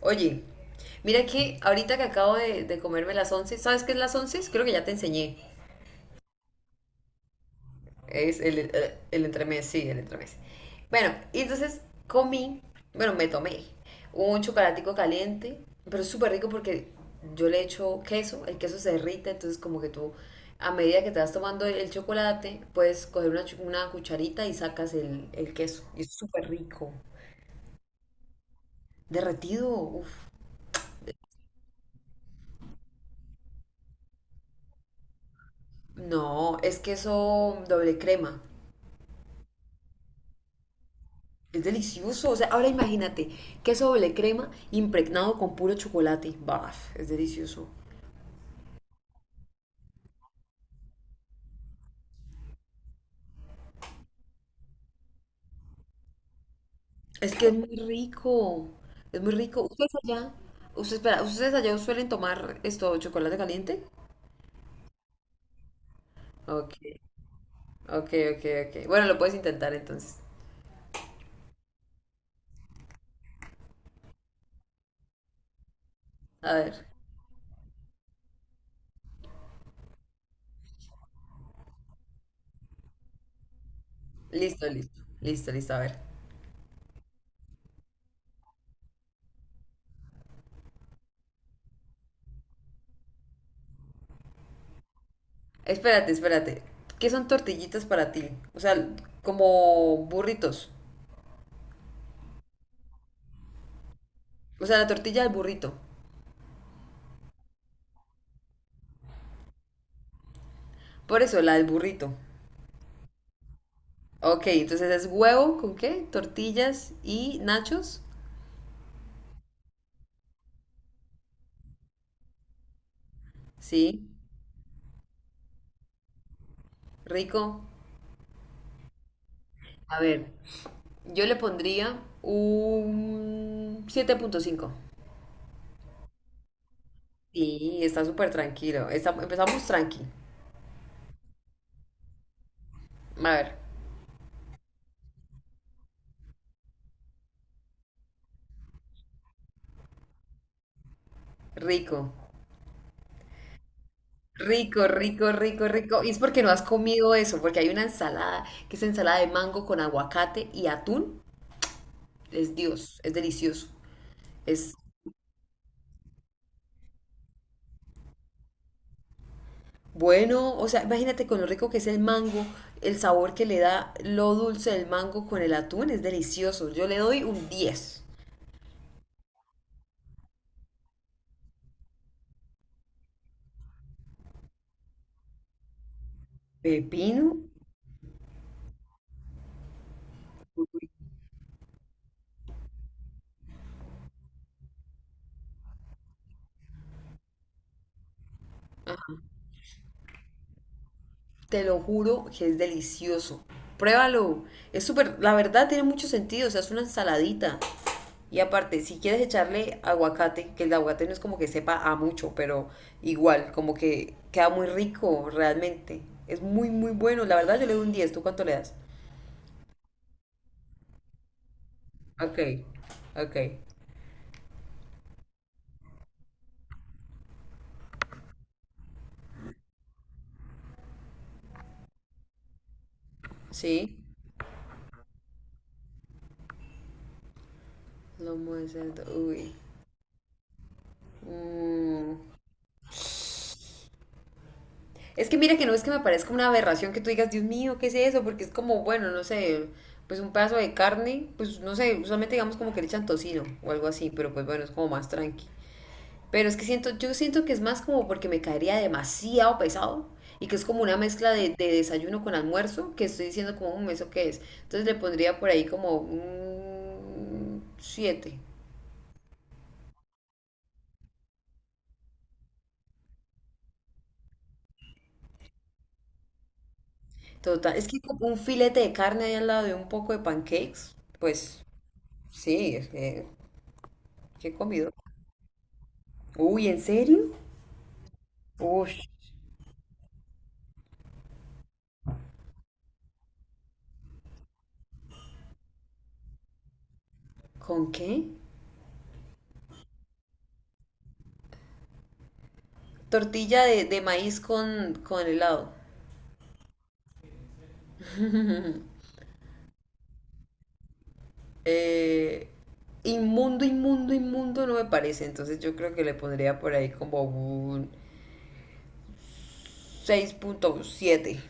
Oye, mira que ahorita que acabo de comerme las once. ¿Sabes qué es las once? Creo que ya te enseñé. Es el entremés, sí, el entremés. Bueno, y entonces comí, bueno, me tomé un chocolatico caliente, pero es súper rico porque yo le echo queso, el queso se derrite, entonces como que tú, a medida que te vas tomando el chocolate, puedes coger una, una cucharita y sacas el queso. Y es súper rico. Derretido, uff. No, es queso doble crema. Es delicioso. O sea, ahora imagínate, queso doble crema impregnado con puro chocolate. Baf, es delicioso. Es que es muy rico. Es muy rico. ¿Ustedes allá? Usted, espera, ¿ustedes allá suelen tomar esto, chocolate caliente? Ok, ok, ok, ok. Bueno, lo puedes intentar entonces. A ver. Listo, listo. Listo, listo. A ver. Espérate, espérate. ¿Qué son tortillitas para ti? O sea, como burritos. O sea, la tortilla del burrito. Por eso, la del burrito. Ok, entonces es huevo con qué? Tortillas y nachos. Sí, rico. A ver, yo le pondría un siete punto cinco. Sí, está súper tranquilo. Está- empezamos tranqui. A ver, rico. Rico, rico, rico, rico. Y es porque no has comido eso, porque hay una ensalada que es ensalada de mango con aguacate y atún. Es Dios, es delicioso. Es Bueno, o sea, imagínate con lo rico que es el mango, el sabor que le da lo dulce del mango con el atún, es delicioso. Yo le doy un diez. Pepino, te lo juro que es delicioso. Pruébalo. Es súper, la verdad tiene mucho sentido, o sea, es una ensaladita. Y aparte, si quieres echarle aguacate, que el aguacate no es como que sepa a mucho, pero igual, como que queda muy rico realmente. Es muy, muy bueno. La verdad, yo le doy un diez. ¿Tú cuánto le das? Ok, ok. Sí. Lomo de cerdo, uy. Mm. Es que mira que no es que me parezca una aberración que tú digas, Dios mío, ¿qué es eso? Porque es como, bueno, no sé, pues un pedazo de carne, pues no sé, usualmente digamos como que le echan tocino o algo así, pero pues bueno, es como más tranqui. Pero es que siento, yo siento que es más como porque me caería demasiado pesado y que es como una mezcla de desayuno con almuerzo, que estoy diciendo como, un ¿eso qué es? Entonces le pondría por ahí como un 7. Total, es que como un filete de carne ahí al lado de un poco de pancakes, pues sí, es que, qué comido. Uy, ¿en serio? Uy, ¿con qué? Tortilla de maíz con helado. Eh, inmundo, inmundo, inmundo no me parece, entonces yo creo que le pondría por ahí como un seis punto siete.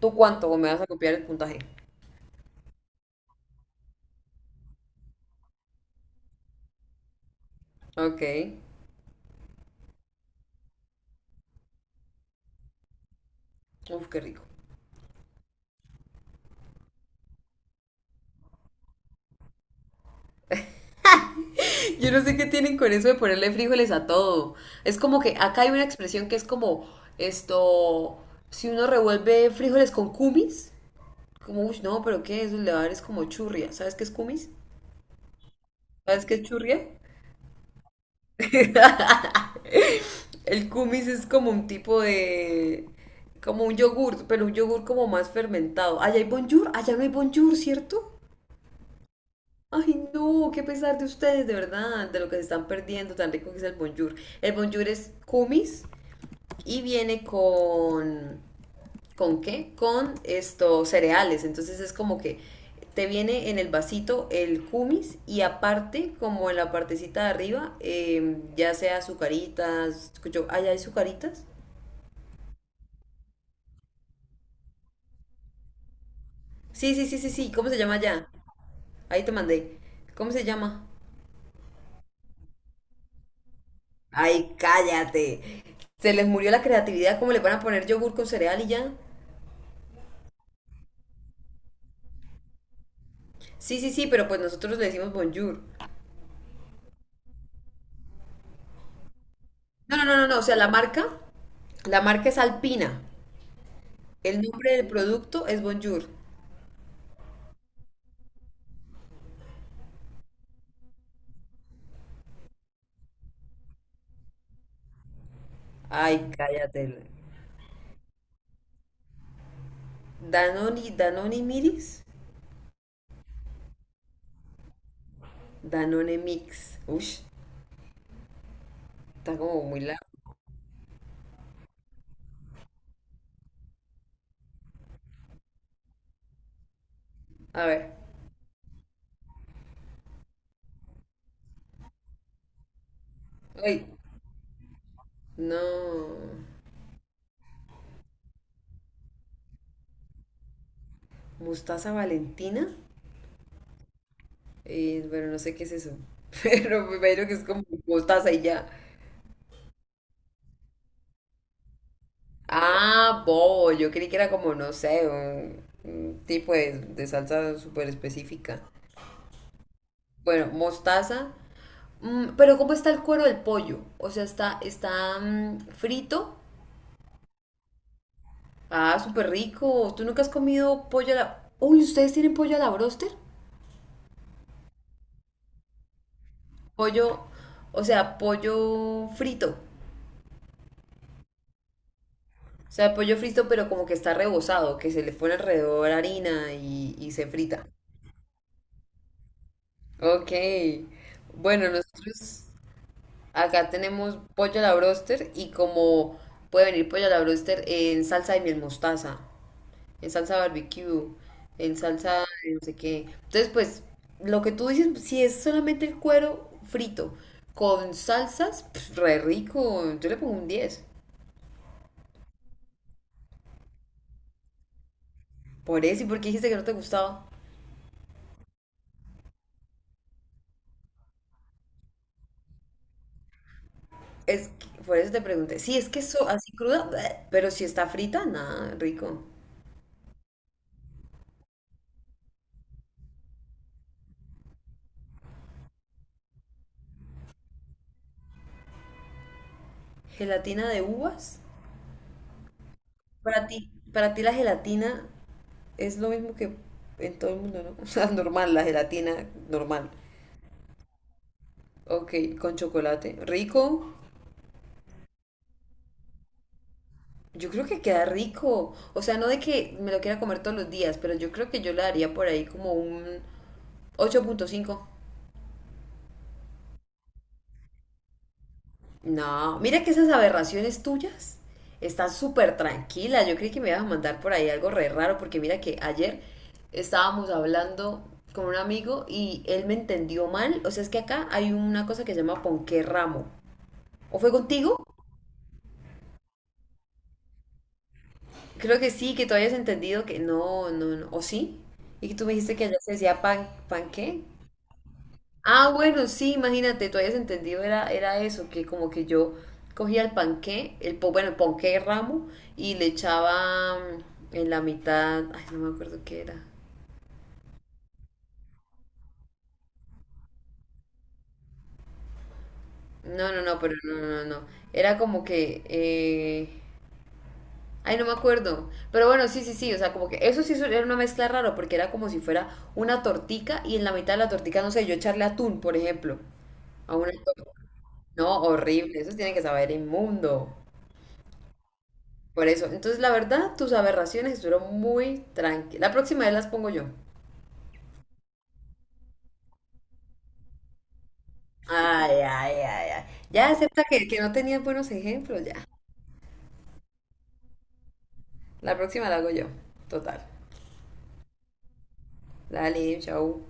¿Tú cuánto? ¿O me vas a copiar el puntaje? Ok, uf, qué rico. Yo no sé qué tienen con eso de ponerle frijoles a todo. Es como que acá hay una expresión que es como esto, si uno revuelve frijoles con cumis, como, uy, no, pero ¿qué? Eso le va a dar es como churria. ¿Sabes qué es cumis? ¿Sabes qué es churria? El kumis es como un tipo de como un yogur, pero un yogur como más fermentado. Allá hay bonjour, allá no hay bonjour, ¿cierto? Ay, no, qué pesar de ustedes, de verdad, de lo que se están perdiendo, tan rico que es el bonjour. El bonjour es kumis, y viene ¿con qué? Con estos cereales, entonces es como que te viene en el vasito el kumis y aparte, como en la partecita de arriba, ya sea azucaritas, escucho, ¿allá hay azucaritas? Sí, sí, sí, sí, sí, ¿cómo se llama allá? Ahí te mandé. ¿Cómo se llama? Ay, cállate. Se les murió la creatividad, ¿cómo le van a poner yogur con cereal y ya? Sí, sí, sí, pero pues nosotros le decimos bonjour. No, no, no, no, no, o sea, la marca es Alpina. El nombre del producto es Bonjour. Ay, cállate. Danone, Danone Miris, Danone Mix. Ush, está como muy largo. A ver. Ay, no. Mostaza Valentina. Bueno, no sé qué es eso. Pero me imagino que es como mostaza y ya. Ah, bobo. Yo creí que era como, no sé, un tipo de salsa súper específica. Bueno, mostaza. Mm, pero ¿cómo está el cuero del pollo? O sea, está, está mm, frito. Ah, súper rico. ¿Tú nunca has comido pollo a la... Uy, ¿ustedes tienen pollo a la broster? Pollo, o sea, pollo frito. O sea, pollo frito, pero como que está rebozado, que se le pone alrededor harina y se frita. Ok. Bueno, nosotros acá tenemos pollo a la broster y como puede venir pollo a la broster en salsa de miel mostaza. El salsa barbecue, el salsa de no sé qué. Entonces, pues, lo que tú dices, si es solamente el cuero frito con salsas, pf, re rico. Yo le pongo un diez. Por eso, ¿y por qué dijiste que no te gustaba? Es que- por eso te pregunté. Si es que eso así cruda, bleh, pero si está frita, nada, rico. ¿Gelatina de uvas? Para ti la gelatina es lo mismo que en todo el mundo, ¿no? O sea, normal, la gelatina normal. Ok, con chocolate. Rico. Yo creo que queda rico. O sea, no de que me lo quiera comer todos los días, pero yo creo que yo le daría por ahí como un ocho punto cinco. No, mira que esas aberraciones tuyas están súper tranquilas. Yo creí que me ibas a mandar por ahí algo re raro, porque mira que ayer estábamos hablando con un amigo y él me entendió mal. O sea, es que acá hay una cosa que se llama ponqué ramo. ¿O fue contigo? Creo que sí, que tú habías entendido que no, no, no. ¿O sí? Y que tú me dijiste que allá se decía pan, ¿pan qué? Ah, bueno, sí, imagínate, tú habías entendido, era eso, que como que yo cogía el panqué, el, po- bueno, el ponqué ramo, y le echaba en la mitad, ay, no me acuerdo qué era. No, no, no, pero no, no, no. No. Era como que, ay, no me acuerdo. Pero bueno, sí, sí, sí, o sea, como que eso sí era una mezcla rara, porque era como si fuera una tortica, y en la mitad de la tortica, no sé, yo echarle atún, por ejemplo, a una torta. No, horrible, eso tiene que saber inmundo. Por eso. Entonces, la verdad, tus aberraciones estuvieron muy tranquilas. La próxima vez las pongo yo. Ay, ay, ay, ay. Ya acepta que no tenías buenos ejemplos, ya. La próxima la hago yo. Total. Dale, chau.